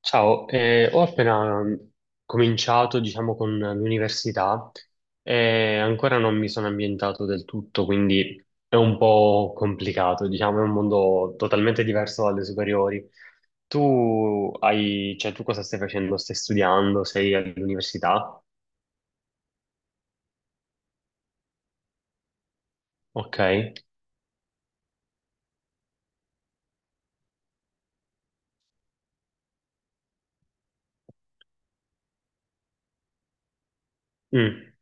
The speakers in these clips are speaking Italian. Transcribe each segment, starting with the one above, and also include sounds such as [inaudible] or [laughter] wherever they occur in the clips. Ciao, ho appena cominciato, diciamo, con l'università e ancora non mi sono ambientato del tutto, quindi è un po' complicato, diciamo, è un mondo totalmente diverso dalle superiori. Tu hai, cioè, tu cosa stai facendo? Stai studiando? Sei all'università? Ok. Mm.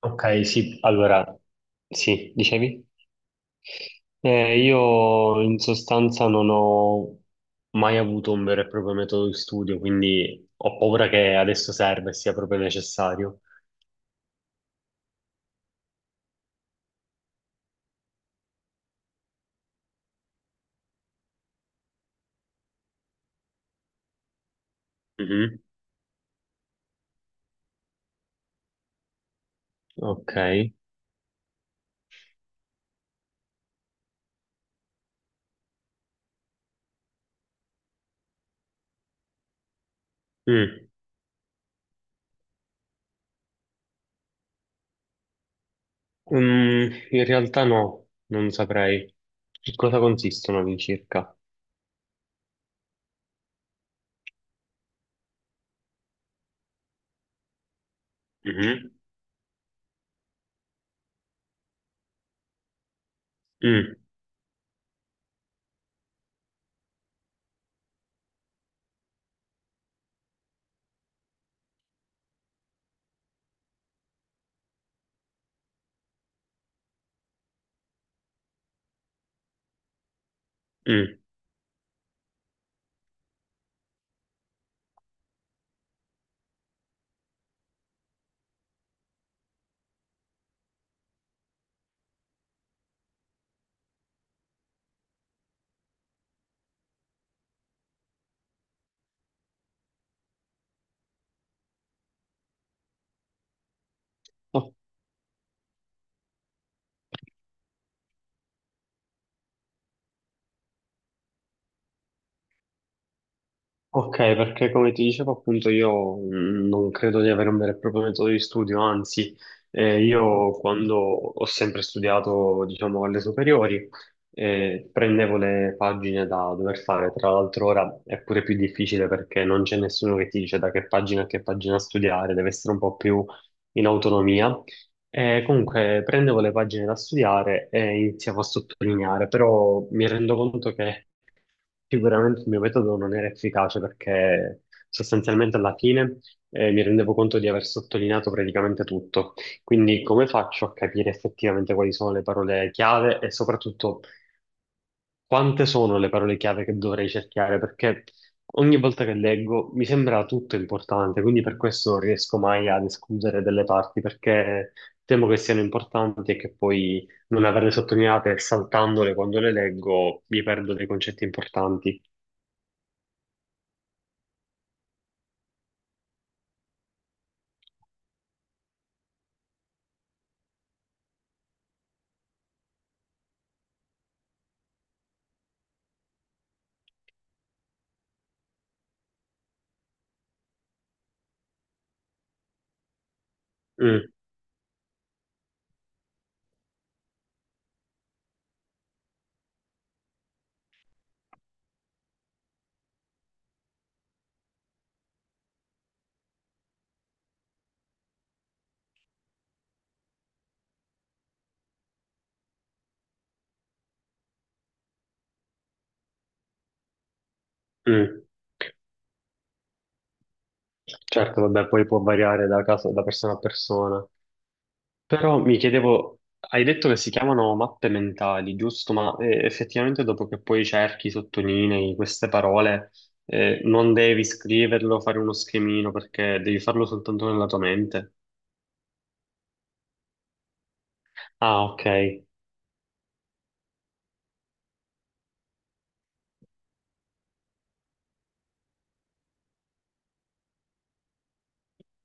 Ok, sì, allora, sì, dicevi? Io in sostanza non ho mai avuto un vero e proprio metodo di studio, quindi ho paura che adesso serva e sia proprio necessario. Mhm. Ok. Mm. Mm, in realtà no, non saprei. In cosa consistono all'incirca? Mhm. Mm, mm. Ok, perché come ti dicevo appunto io non credo di avere un vero e proprio metodo di studio, anzi io quando ho sempre studiato diciamo alle superiori prendevo le pagine da dover fare, tra l'altro ora è pure più difficile perché non c'è nessuno che ti dice da che pagina a che pagina studiare, deve essere un po' più in autonomia. Comunque prendevo le pagine da studiare e iniziavo a sottolineare, però mi rendo conto che sicuramente il mio metodo non era efficace perché sostanzialmente alla fine mi rendevo conto di aver sottolineato praticamente tutto. Quindi come faccio a capire effettivamente quali sono le parole chiave e soprattutto quante sono le parole chiave che dovrei cercare? Perché ogni volta che leggo mi sembra tutto importante, quindi per questo non riesco mai ad escludere delle parti perché temo che siano importanti e che poi non averle sottolineate e saltandole quando le leggo mi perdo dei concetti importanti. Mm. Mm. Certo, vabbè, poi può variare da caso, da persona a persona. Però mi chiedevo, hai detto che si chiamano mappe mentali, giusto? Ma effettivamente dopo che poi cerchi, sottolinei queste parole, non devi scriverlo, fare uno schemino, perché devi farlo soltanto nella tua mente. Ah, ok,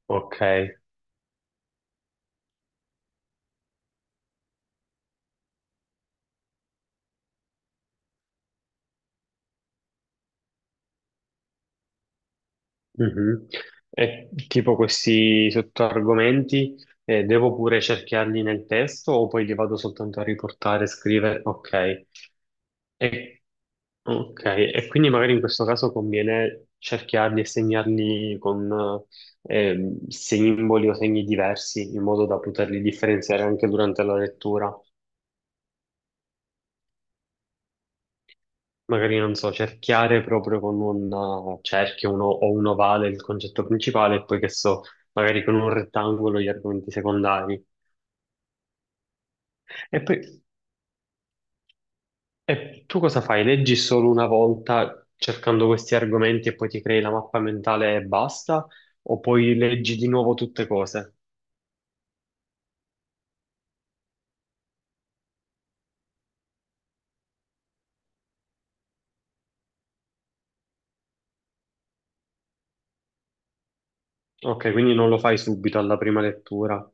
ok. Mhm. E tipo questi sottoargomenti, devo pure cerchiarli nel testo o poi li vado soltanto a riportare, scrivere? Ok. E ok, e quindi magari in questo caso conviene cerchiarli e segnarli con simboli o segni diversi, in modo da poterli differenziare anche durante la lettura. Magari, non so, cerchiare proprio con un cerchio o un ovale il concetto principale, e poi che so, magari con un rettangolo gli argomenti secondari. E poi e tu cosa fai? Leggi solo una volta cercando questi argomenti e poi ti crei la mappa mentale e basta? O poi leggi di nuovo tutte cose? Ok, quindi non lo fai subito alla prima lettura.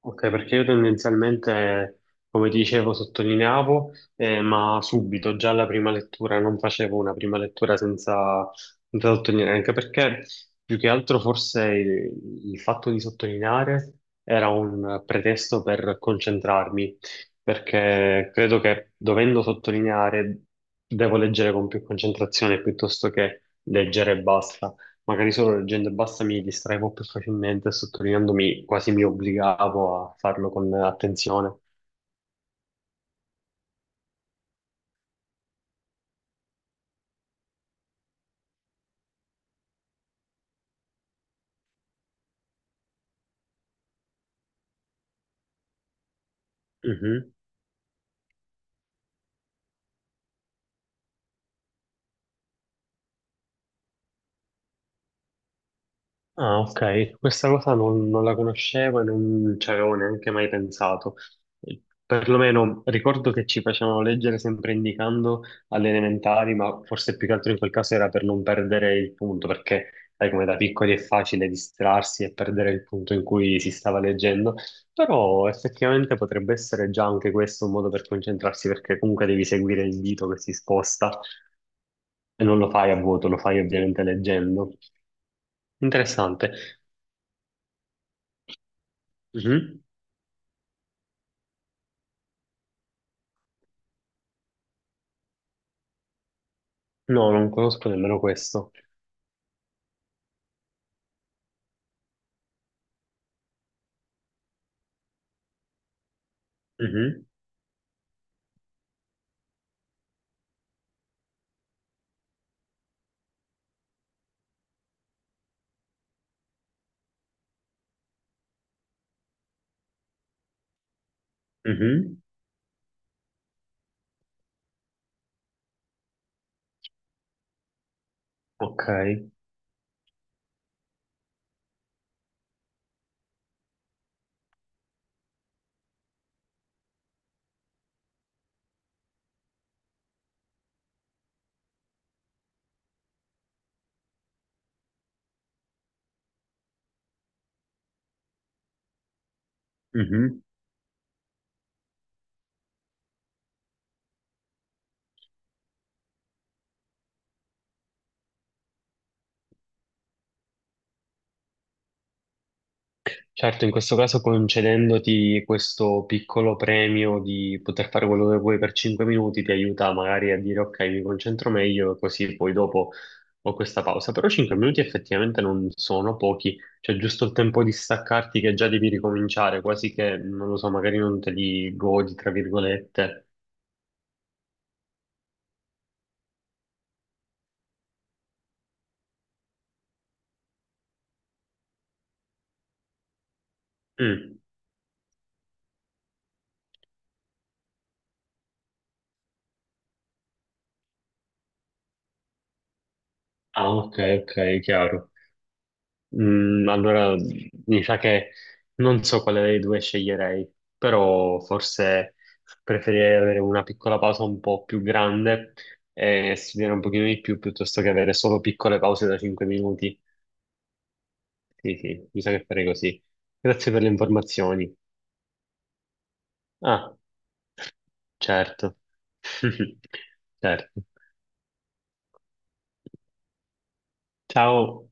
Ok, perché io tendenzialmente, come ti dicevo, sottolineavo, ma subito, già alla prima lettura, non facevo una prima lettura senza, senza sottolineare, anche perché più che altro forse il fatto di sottolineare era un pretesto per concentrarmi, perché credo che dovendo sottolineare devo leggere con più concentrazione piuttosto che leggere e basta. Magari solo leggendo e basta mi distraevo più facilmente, e sottolineandomi quasi mi obbligavo a farlo con attenzione. Mhm. Ah, ok, questa cosa non la conoscevo e non ci avevo neanche mai pensato. Perlomeno ricordo che ci facevano leggere sempre indicando alle elementari, ma forse più che altro in quel caso era per non perdere il punto, perché sai come da piccoli è facile distrarsi e perdere il punto in cui si stava leggendo, però effettivamente potrebbe essere già anche questo un modo per concentrarsi, perché comunque devi seguire il dito che si sposta e non lo fai a vuoto, lo fai ovviamente leggendo. Interessante. Mhm. No, non conosco nemmeno questo. Mhm, mhm, ok. Mhm. Certo, in questo caso concedendoti questo piccolo premio di poter fare quello che vuoi per 5 minuti ti aiuta magari a dire ok, mi concentro meglio, così poi dopo ho questa pausa. Però 5 minuti effettivamente non sono pochi, cioè giusto il tempo di staccarti che già devi ricominciare, quasi che, non lo so, magari non te li godi, tra virgolette. Mm. Ah, ok, ok, chiaro. Mm, allora, mi sa che non so quale dei due sceglierei, però forse preferirei avere una piccola pausa un po' più grande e studiare un pochino di più piuttosto che avere solo piccole pause da 5 minuti. Sì, sì, mi sa che farei così. Grazie per le informazioni. Ah, certo. [laughs] Certo. Ciao.